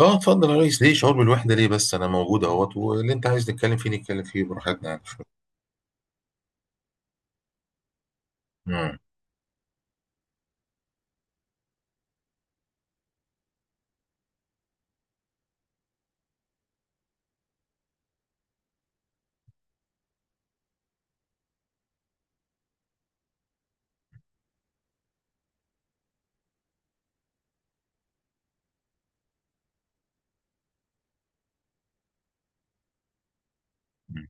اه، اتفضل يا ريس. ليه شعور بالوحده؟ ليه بس؟ انا موجود اهوت، واللي انت عايز نتكلم فيه نتكلم فيه براحتنا يعني. مم. مم.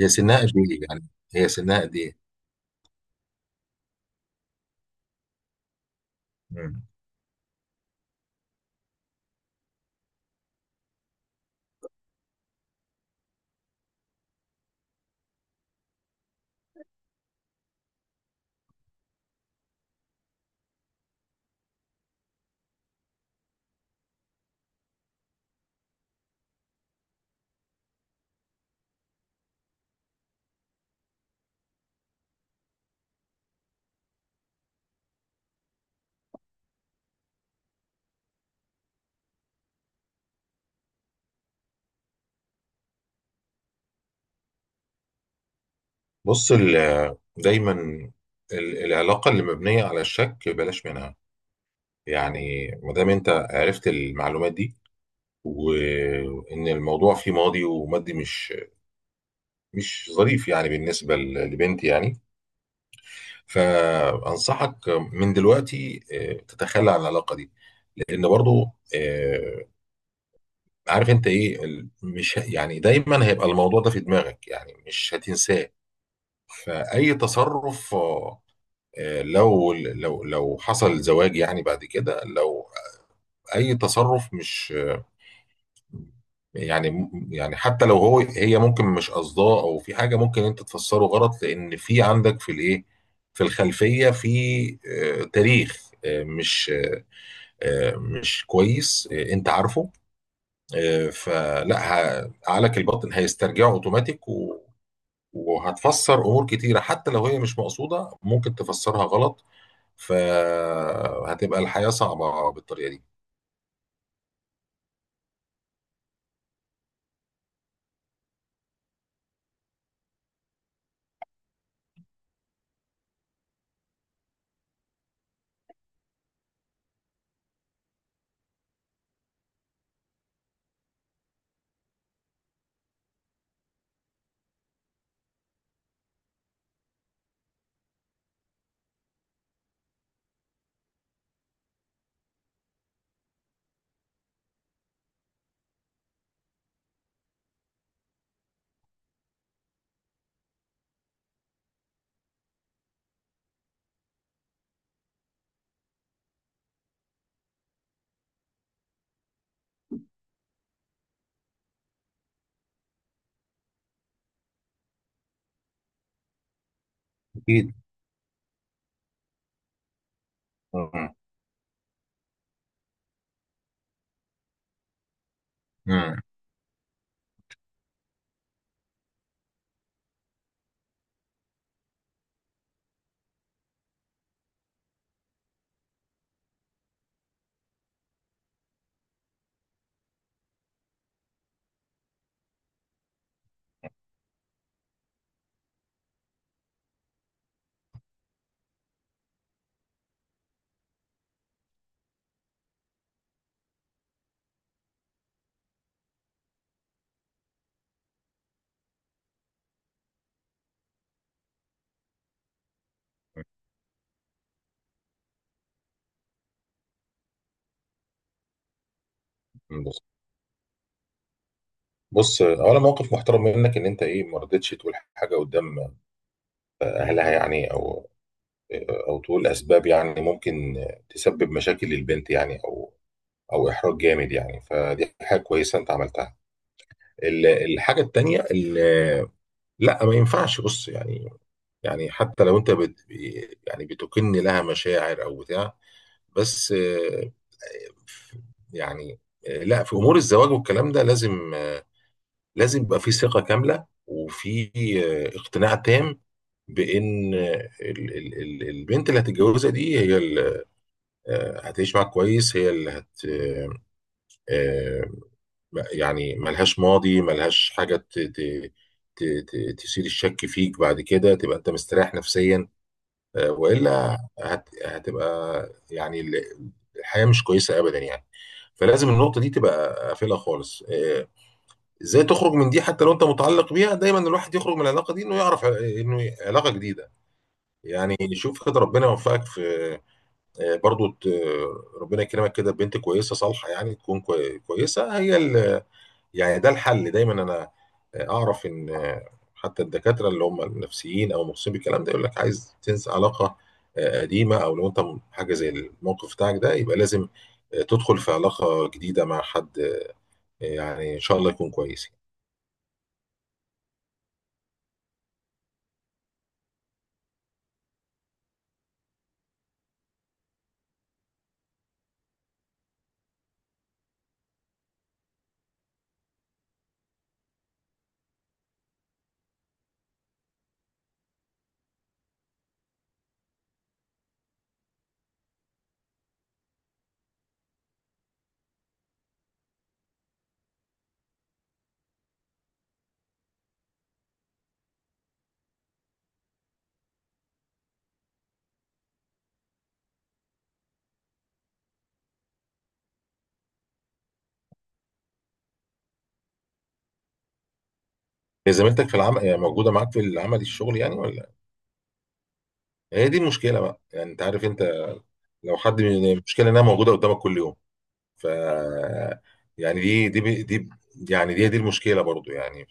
هي سنها قد ايه يعني؟ هي سنها قد ايه؟ مم. بص، دايما العلاقه اللي مبنيه على الشك بلاش منها. يعني ما دام انت عرفت المعلومات دي، وان الموضوع فيه ماضي ومادي مش ظريف يعني بالنسبه لبنتي يعني. فانصحك من دلوقتي، تتخلى عن العلاقه دي. لان برضو، آه، عارف انت ايه، مش، يعني دايما هيبقى الموضوع ده في دماغك، يعني مش هتنساه. فاي تصرف، لو حصل زواج يعني بعد كده، لو اي تصرف مش، يعني حتى لو هو هي ممكن مش قصداه، او في حاجه ممكن انت تفسره غلط، لان في عندك في الايه، في الخلفيه، في تاريخ مش مش كويس، انت عارفه. فلا، عقلك الباطن هيسترجعه اوتوماتيك، وهتفسر امور كتيره، حتى لو هي مش مقصوده ممكن تفسرها غلط. فهتبقى الحياه صعبه بالطريقه دي. اكيد. مم. مم. بص، بص، اولا موقف محترم منك، ان انت ايه ما رضيتش تقول حاجه قدام اهلها يعني، او او تقول اسباب يعني ممكن تسبب مشاكل للبنت يعني، او او احراج جامد يعني. فدي حاجه كويسه انت عملتها. ال- الحاجه التانيه، لا ما ينفعش. بص يعني، يعني حتى لو انت يعني بتكن لها مشاعر او بتاع، بس. آه، يعني لا، في امور الزواج والكلام ده لازم، لازم يبقى في ثقة كاملة، وفي اقتناع تام بان البنت اللي هتتجوزها دي هي اللي هتعيش معاك كويس، هي اللي هت آه، آه، يعني ملهاش ماضي، ملهاش حاجة تثير الشك فيك بعد كده. تبقى انت مستريح نفسيا، والا هتبقى يعني الحياة مش كويسة ابدا يعني. فلازم النقطة دي تبقى قافلها خالص. ازاي تخرج من دي؟ حتى لو انت متعلق بيها، دايما الواحد يخرج من العلاقة دي، انه يعرف انه علاقة جديدة. يعني شوف كده، ربنا يوفقك في، برضو، ربنا يكرمك كده بنت كويسة صالحة، يعني تكون كويسة هي يعني ده الحل. دايما انا اعرف ان حتى الدكاتره اللي هم النفسيين او مخصوصين بالكلام ده يقول لك عايز تنسى علاقه قديمه، او لو انت حاجه زي الموقف بتاعك ده، يبقى لازم تدخل في علاقه جديده مع حد، يعني ان شاء الله يكون كويس. هي زميلتك في العمل يعني؟ موجوده معاك في العمل، الشغل يعني، ولا؟ هي دي المشكله بقى يعني، انت عارف انت. لو حد من المشكله انها موجوده قدامك كل يوم. ف يعني دي يعني دي المشكله برضو يعني.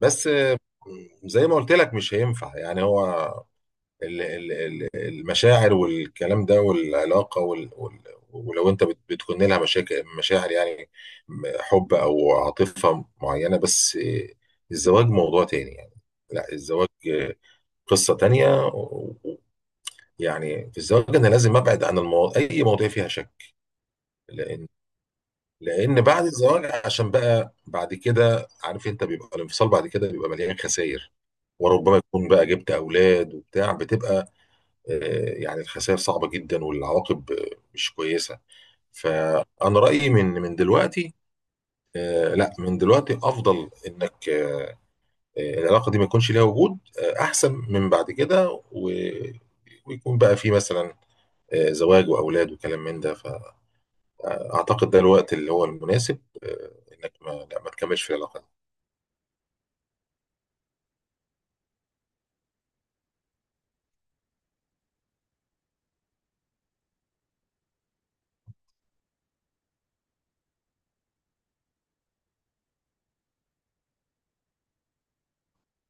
بس زي ما قلت لك مش هينفع يعني. هو المشاعر والكلام ده، والعلاقة، ولو انت بتكون لها مشاكل مشاعر يعني، حب او عاطفة معينة، بس الزواج موضوع تاني يعني. لا، الزواج قصة تانية، يعني في الزواج انا لازم ابعد عن اي مواضيع فيها شك. لان لان بعد الزواج، عشان بقى بعد كده عارف انت، بيبقى الانفصال بعد كده بيبقى مليان خسائر. وربما يكون بقى جبت اولاد وبتاع، بتبقى، يعني الخسائر صعبه جدا، والعواقب مش كويسه. فانا رايي من دلوقتي، لا، من دلوقتي افضل انك، العلاقه دي ما يكونش ليها وجود احسن من بعد كده، ويكون بقى في مثلا زواج واولاد وكلام من ده. فاعتقد ده الوقت اللي هو المناسب، انك ما، لا، ما تكملش في العلاقه.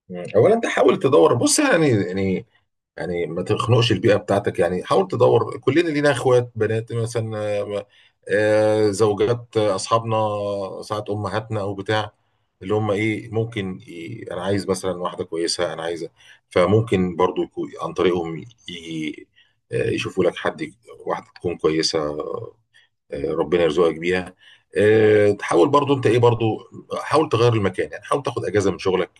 مم. اولا انت حاول تدور. بص، يعني ما تخنقش البيئه بتاعتك، يعني حاول تدور. كلنا لينا اخوات، بنات مثلا، زوجات، اصحابنا، ساعات امهاتنا او بتاع، اللي هم ايه ممكن انا عايز مثلا واحده كويسه، انا عايزه. فممكن برضو يكون عن طريقهم، يجي، يشوفوا لك حد، واحده تكون كويسه، ربنا يرزقك بيها. تحاول برضو انت ايه، برضو حاول تغير المكان يعني، حاول تاخد اجازه من شغلك.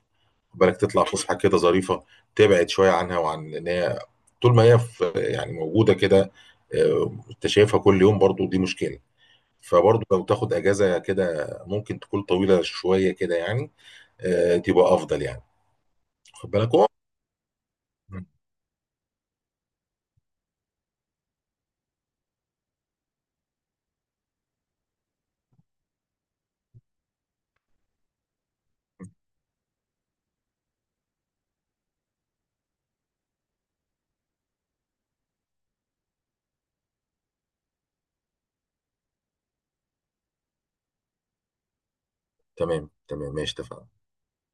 خد بالك تطلع فسحه كده ظريفه، تبعد شويه عنها، وعن ان هي، طول ما هي في يعني موجوده كده، انت شايفها كل يوم، برضو دي مشكله. فبرضو لو تاخد اجازه كده ممكن تكون طويله شويه كده يعني، تبقى افضل يعني. خد بالك هو. تمام، تمام، ماشي، اتفقنا.